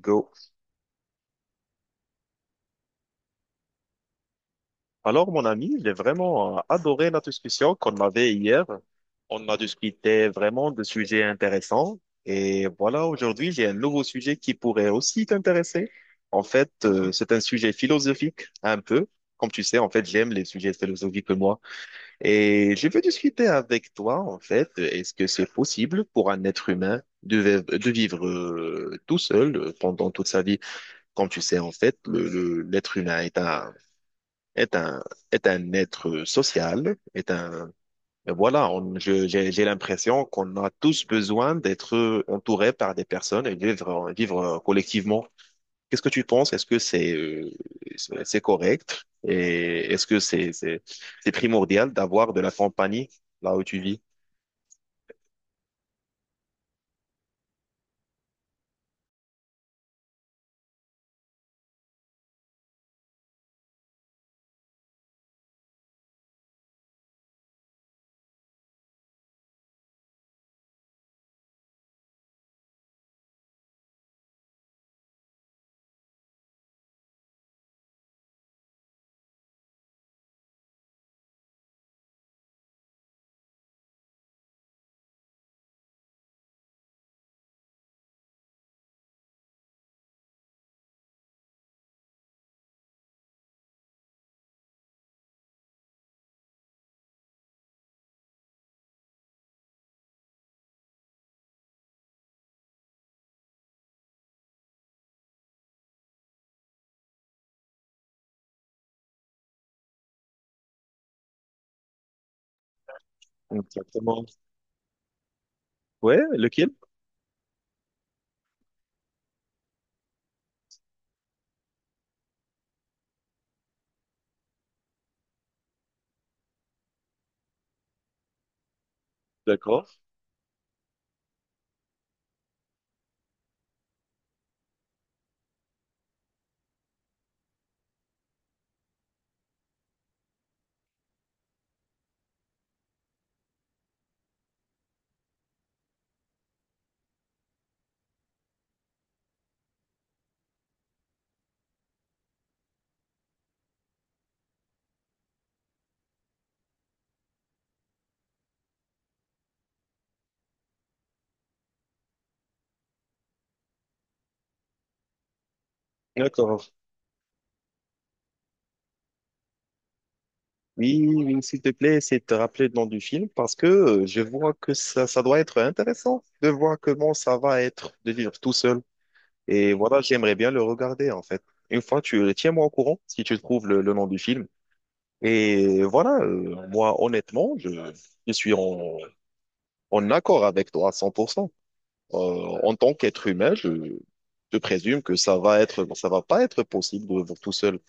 Go. Alors, mon ami, j'ai vraiment adoré notre discussion qu'on avait hier. On a discuté vraiment de sujets intéressants. Et voilà, aujourd'hui, j'ai un nouveau sujet qui pourrait aussi t'intéresser. En fait, c'est un sujet philosophique, un peu. Comme tu sais, en fait, j'aime les sujets philosophiques, moi. Et je veux discuter avec toi, en fait, est-ce que c'est possible pour un être humain de vivre tout seul pendant toute sa vie? Comme tu sais, en fait, l'être humain est un est un, est un être social, est un, et voilà, j'ai l'impression qu'on a tous besoin d'être entourés par des personnes et vivre, vivre collectivement. Qu'est-ce que tu penses? Est-ce que c'est, c'est correct? Et est-ce que c'est primordial d'avoir de la compagnie là où tu vis? Exactement. Ouais, lequel? D'accord, d'accord. Oui, oui, s'il te plaît, essaie de te rappeler le nom du film parce que je vois que ça doit être intéressant de voir comment ça va être de vivre tout seul. Et voilà, j'aimerais bien le regarder en fait. Une fois, tu tiens-moi au courant si tu trouves le nom du film. Et voilà, moi, honnêtement, je suis en, en accord avec toi à 100%. Euh, En tant qu'être humain, je présume que ça va pas être possible de vivre tout seul.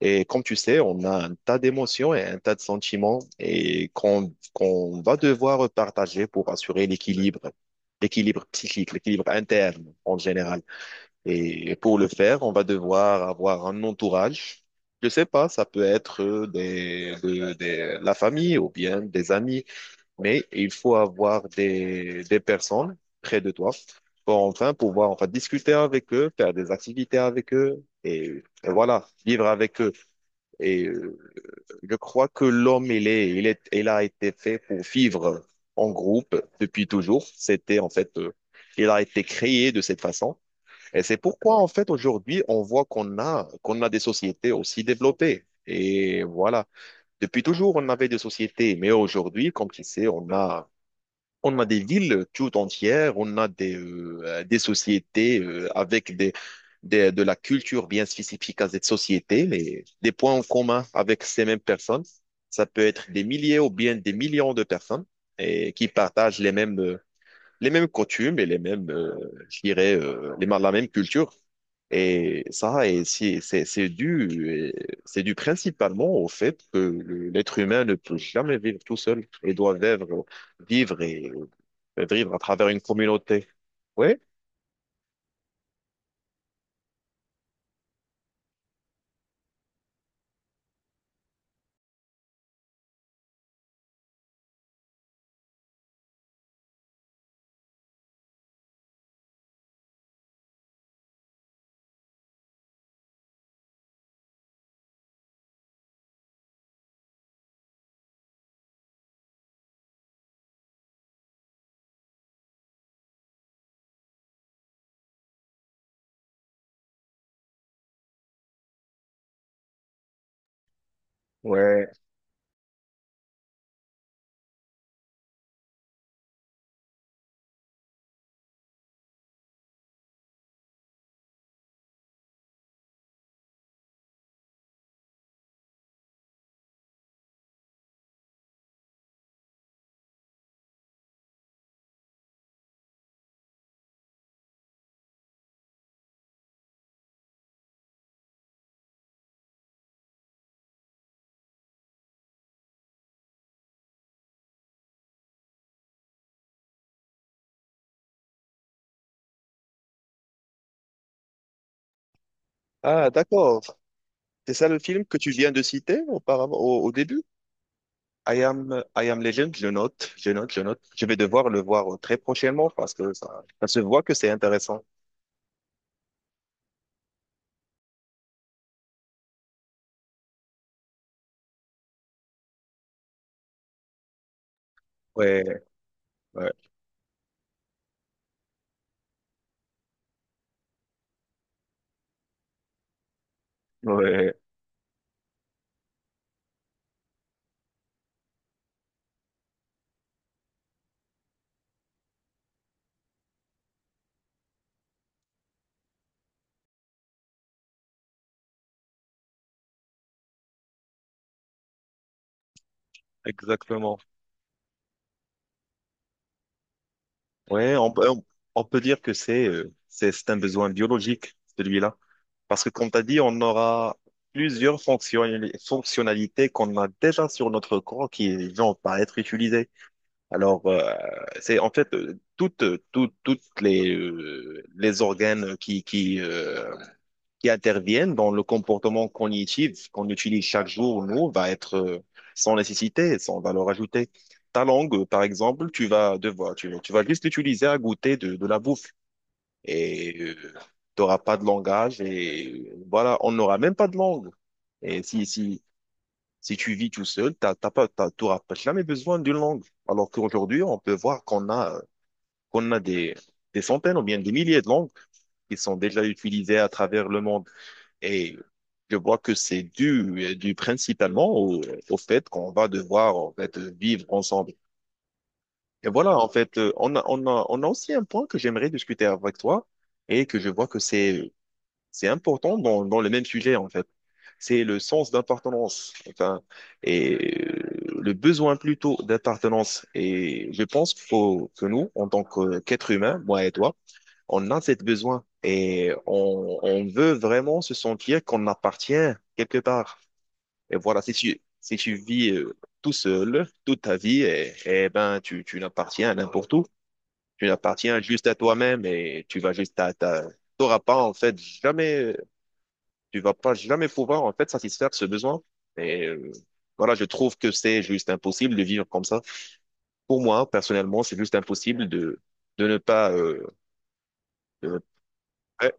Et comme tu sais, on a un tas d'émotions et un tas de sentiments et qu'on va devoir partager pour assurer l'équilibre, l'équilibre psychique, l'équilibre interne en général. Et pour le faire, on va devoir avoir un entourage. Je sais pas, ça peut être la famille ou bien des amis, mais il faut avoir des personnes près de toi pour enfin pouvoir enfin discuter avec eux, faire des activités avec eux et voilà, vivre avec eux. Et je crois que l'homme, il a été fait pour vivre en groupe depuis toujours. C'était en fait, il a été créé de cette façon. Et c'est pourquoi en fait aujourd'hui, on voit qu'on a des sociétés aussi développées. Et voilà. Depuis toujours, on avait des sociétés, mais aujourd'hui, comme tu sais, on a des villes tout entières, on a des sociétés avec des, de la culture bien spécifique à cette société, mais des points en commun avec ces mêmes personnes. Ça peut être des milliers ou bien des millions de personnes et qui partagent les mêmes coutumes et les mêmes, je dirais, la même culture. Et ça, et c'est dû principalement au fait que l'être humain ne peut jamais vivre tout seul et doit vivre vivre et le vivre à travers une communauté. Oui? Ouais. Ah, d'accord. C'est ça le film que tu viens de citer auparavant, au, au début? I am Legend, je note, je note, je note. Je vais devoir le voir très prochainement parce que ça se voit que c'est intéressant. Ouais, ouais, ouais, exactement. Ouais, on peut dire que c'est, c'est un besoin biologique, celui-là. Parce que comme tu as dit, on aura plusieurs fonctionnalités qu'on a déjà sur notre corps qui vont pas être utilisées. Alors, c'est en fait toutes les organes qui interviennent dans le comportement cognitif qu'on utilise chaque jour, nous, va être sans nécessité, sans valeur ajoutée. Ta langue, par exemple, tu vas devoir, tu vas juste l'utiliser à goûter de la bouffe et tu n'auras pas de langage et voilà, on n'aura même pas de langue. Et si tu vis tout seul, t'auras pas jamais besoin d'une langue. Alors qu'aujourd'hui, on peut voir qu'on a des centaines ou bien des milliers de langues qui sont déjà utilisées à travers le monde. Et je vois que c'est dû, dû principalement au, au fait qu'on va devoir en fait vivre ensemble. Et voilà, en fait, on a aussi un point que j'aimerais discuter avec toi et que je vois que c'est important dans, dans le même sujet, en fait. C'est le sens d'appartenance, enfin, et le besoin plutôt d'appartenance. Et je pense qu'il faut que nous, qu'êtres humains, moi et toi, on a cette besoin et on veut vraiment se sentir qu'on appartient quelque part. Et voilà, si tu vis tout seul toute ta vie, et ben, tu n'appartiens à n'importe où. Tu n'appartiens juste à toi-même et tu vas juste à ta, t'auras pas, en fait, jamais, tu vas pas jamais pouvoir, en fait, satisfaire ce besoin. Et voilà, je trouve que c'est juste impossible de vivre comme ça. Pour moi, personnellement, c'est juste impossible de ne pas, de- ouais,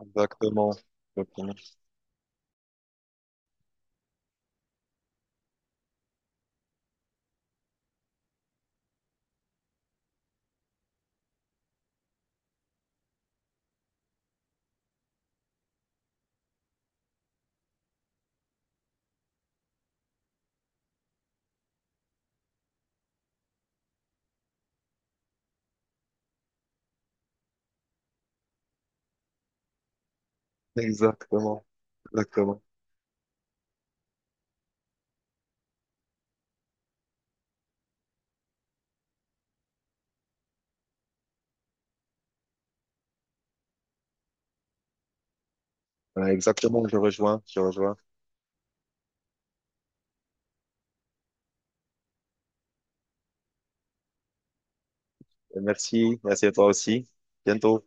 exactement. Exactement, exactement. Voilà, exactement, je rejoins, je rejoins. Et merci, merci à toi aussi. Bientôt.